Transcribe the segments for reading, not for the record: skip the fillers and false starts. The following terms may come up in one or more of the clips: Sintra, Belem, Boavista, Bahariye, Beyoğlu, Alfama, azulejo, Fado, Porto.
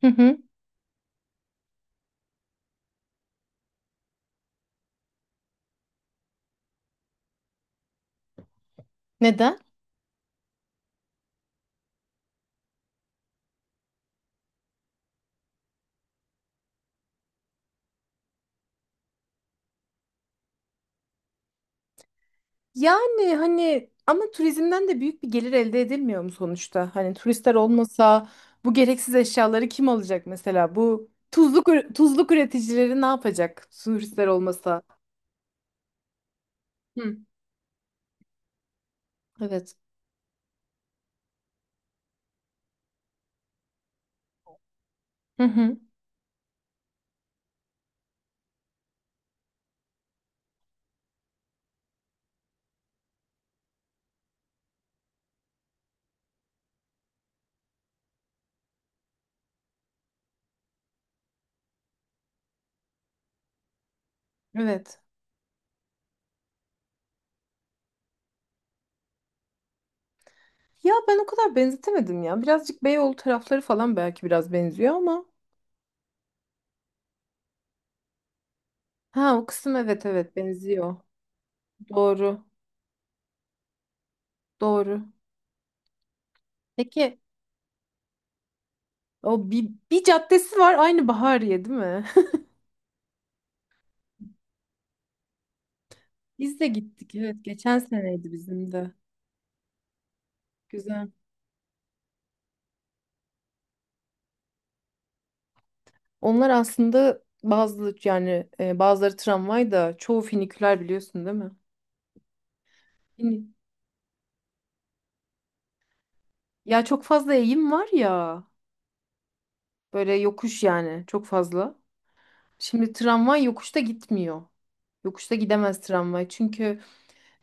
Hı hı. Neden? Yani hani ama turizmden de büyük bir gelir elde edilmiyor mu sonuçta? Hani turistler olmasa bu gereksiz eşyaları kim alacak mesela? Bu tuzluk üreticileri ne yapacak turistler olmasa? Hı. Evet. Hı hı. Evet. Ya ben o kadar benzetemedim ya. Birazcık Beyoğlu tarafları falan belki biraz benziyor ama. Ha o kısım, evet evet, benziyor. Doğru. Doğru. Peki o bir caddesi var aynı Bahariye değil mi? Biz de gittik. Evet, geçen seneydi bizim de. Güzel. Onlar aslında bazı yani bazıları tramvay da çoğu finiküler biliyorsun değil mi? Yeni- Ya çok fazla eğim var ya. Böyle yokuş yani çok fazla. Şimdi tramvay yokuşta gitmiyor. Yokuşta gidemez tramvay. Çünkü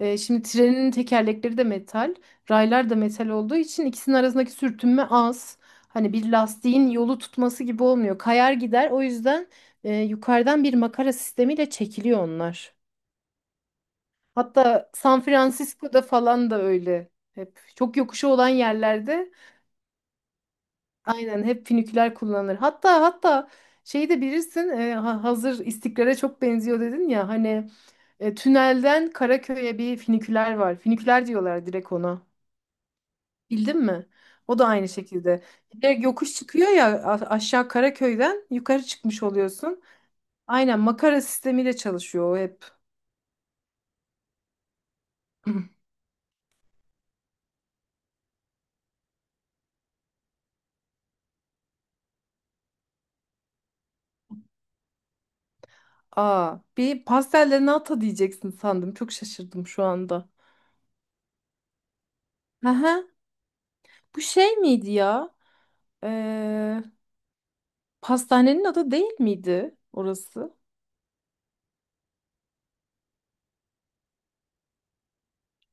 Ee, şimdi trenin tekerlekleri de metal, raylar da metal olduğu için ikisinin arasındaki sürtünme az. Hani bir lastiğin yolu tutması gibi olmuyor. Kayar gider. O yüzden yukarıdan bir makara sistemiyle çekiliyor onlar. Hatta San Francisco'da falan da öyle. Hep çok yokuşu olan yerlerde aynen hep finiküler kullanılır. Hatta şeyi de bilirsin, hazır istiklale çok benziyor dedin ya hani, tünelden Karaköy'e bir finiküler var. Finiküler diyorlar direkt ona. Bildin mi? O da aynı şekilde. Bir de yokuş çıkıyor ya, aşağı Karaköy'den yukarı çıkmış oluyorsun. Aynen makara sistemiyle çalışıyor o hep. Aa, bir pastellerini nata diyeceksin sandım. Çok şaşırdım şu anda. Aha, bu şey miydi ya? Ee, Pastanenin adı değil miydi orası?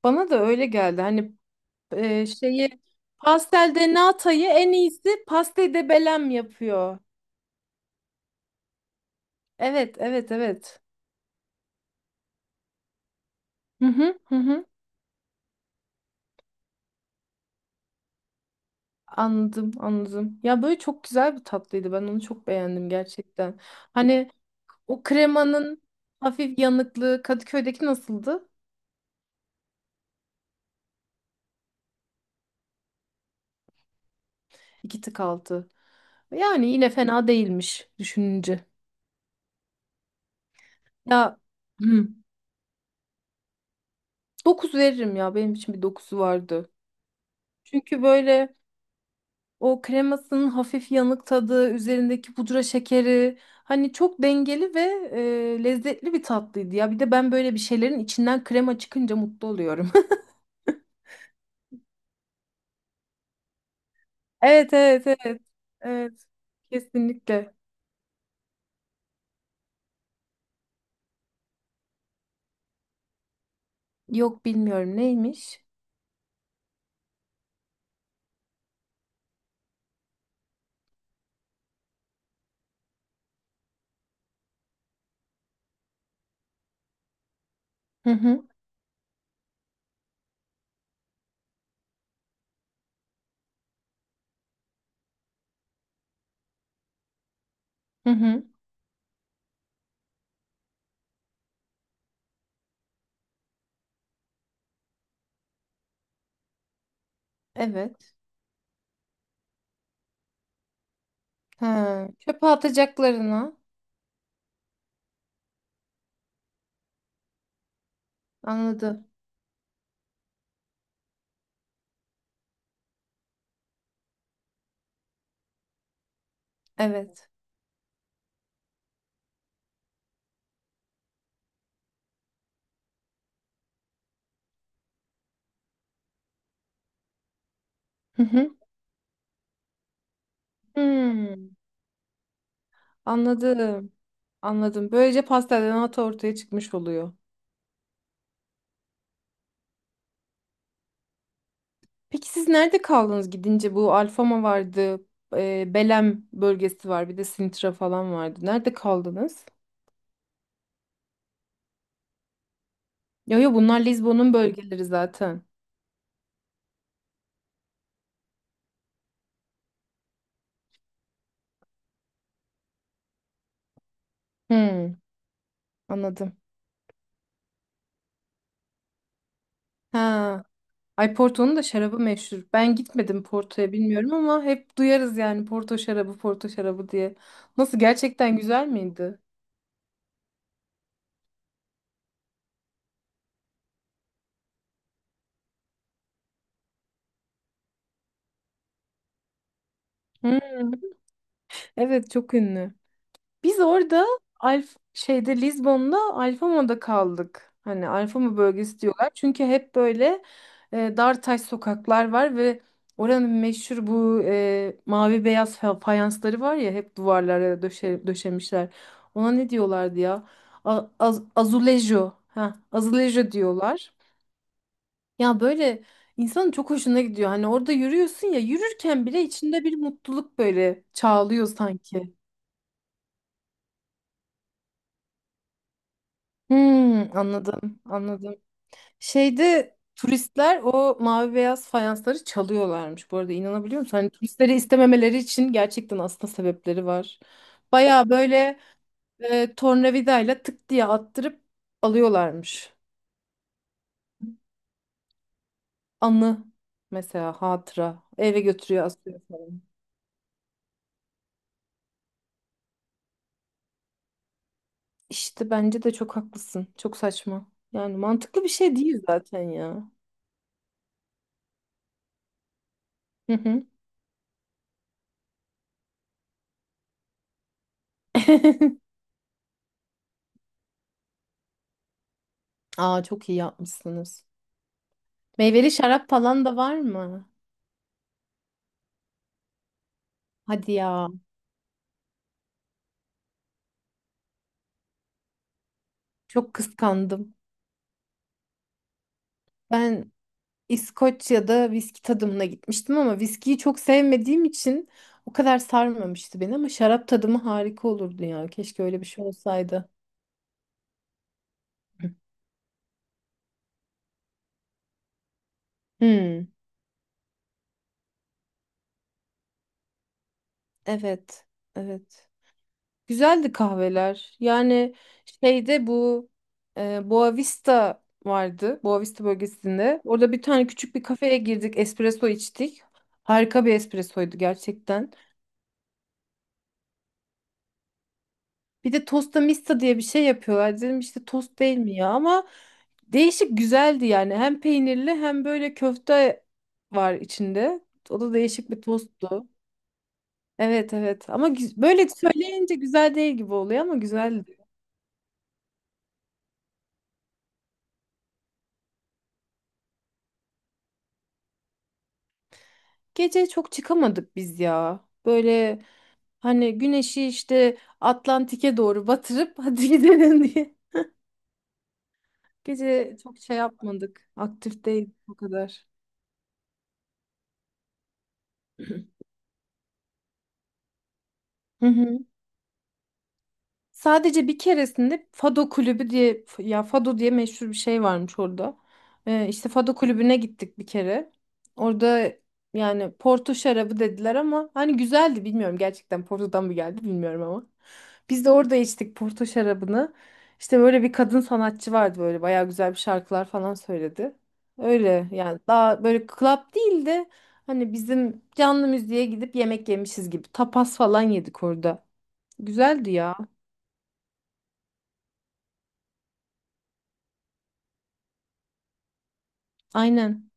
Bana da öyle geldi. Hani şeyi, pastelde Nata'yı en iyisi pastede Belem yapıyor. Evet, evet, evet. Hı hı, hı hı. Anladım, anladım. Ya böyle çok güzel bir tatlıydı. Ben onu çok beğendim gerçekten. Hani o kremanın hafif yanıklığı Kadıköy'deki nasıldı? İki tık altı. Yani yine fena değilmiş düşününce. Ya hı, dokuz veririm ya. Benim için bir dokuzu vardı. Çünkü böyle o kremasının hafif yanık tadı, üzerindeki pudra şekeri hani çok dengeli ve lezzetli bir tatlıydı ya. Bir de ben böyle bir şeylerin içinden krema çıkınca mutlu oluyorum. Evet evet evet. Evet. Kesinlikle. Yok, bilmiyorum, neymiş. Hı hı, hı hı. Evet. Ha, çöpe atacaklarına. Anladım. Evet. Hı hı. Hmm. Anladım. Anladım. Böylece pastelden ata ortaya çıkmış oluyor. Peki siz nerede kaldınız gidince? Bu Alfama vardı. Belem bölgesi var. Bir de Sintra falan vardı. Nerede kaldınız? Yo yo, bunlar Lizbon'un bölgeleri zaten. Hmm, anladım. Ha. Ay, Porto'nun da şarabı meşhur. Ben gitmedim Porto'ya, bilmiyorum, ama hep duyarız yani, Porto şarabı, Porto şarabı diye. Nasıl, gerçekten güzel miydi? Hmm, evet, çok ünlü. Biz orada şeyde, Lizbon'da Alfama'da kaldık. Hani Alfama bölgesi diyorlar. Çünkü hep böyle dar taş sokaklar var ve oranın meşhur bu, e, mavi beyaz fa- fayansları var ya, hep duvarlara döşemişler. Ona ne diyorlardı ya? Azulejo. Ha, azulejo diyorlar. Ya böyle insanın çok hoşuna gidiyor. Hani orada yürüyorsun ya, yürürken bile içinde bir mutluluk böyle çağlıyor sanki. Hmm, anladım, anladım. Şeyde turistler o mavi beyaz fayansları çalıyorlarmış. Bu arada inanabiliyor musun? Hani turistleri istememeleri için gerçekten aslında sebepleri var. Baya böyle tornavidayla tık diye attırıp alıyorlarmış. Anı, mesela hatıra, eve götürüyor, asıyor falan. İşte bence de çok haklısın. Çok saçma. Yani mantıklı bir şey değil zaten ya. Hı hı. Aa, çok iyi yapmışsınız. Meyveli şarap falan da var mı? Hadi ya. Çok kıskandım. Ben İskoçya'da viski tadımına gitmiştim ama viskiyi çok sevmediğim için o kadar sarmamıştı beni, ama şarap tadımı harika olurdu ya. Keşke öyle bir şey olsaydı. Hmm, evet, evet. Güzeldi kahveler. Yani şeyde bu, Boavista vardı. Boavista bölgesinde. Orada bir tane küçük bir kafeye girdik. Espresso içtik. Harika bir espressoydu gerçekten. Bir de tosta mista diye bir şey yapıyorlar. Dedim işte tost değil mi ya, ama değişik, güzeldi yani. Hem peynirli hem böyle köfte var içinde. O da değişik bir tosttu. Evet evet, ama böyle söyleyince güzel değil gibi oluyor ama güzeldi. Gece çok çıkamadık biz ya. Böyle hani güneşi işte Atlantik'e doğru batırıp hadi gidelim diye. Gece çok şey yapmadık. Aktif değil o kadar. Sadece bir keresinde Fado kulübü diye, ya Fado diye meşhur bir şey varmış orada. İşte Fado kulübüne gittik bir kere. Orada yani Porto şarabı dediler ama hani güzeldi, bilmiyorum gerçekten Porto'dan mı geldi bilmiyorum ama. Biz de orada içtik Porto şarabını. İşte böyle bir kadın sanatçı vardı, böyle bayağı güzel bir şarkılar falan söyledi. Öyle yani, daha böyle club değil de hani bizim canlı müziğe gidip yemek yemişiz gibi, tapas falan yedik orada. Güzeldi ya. Aynen.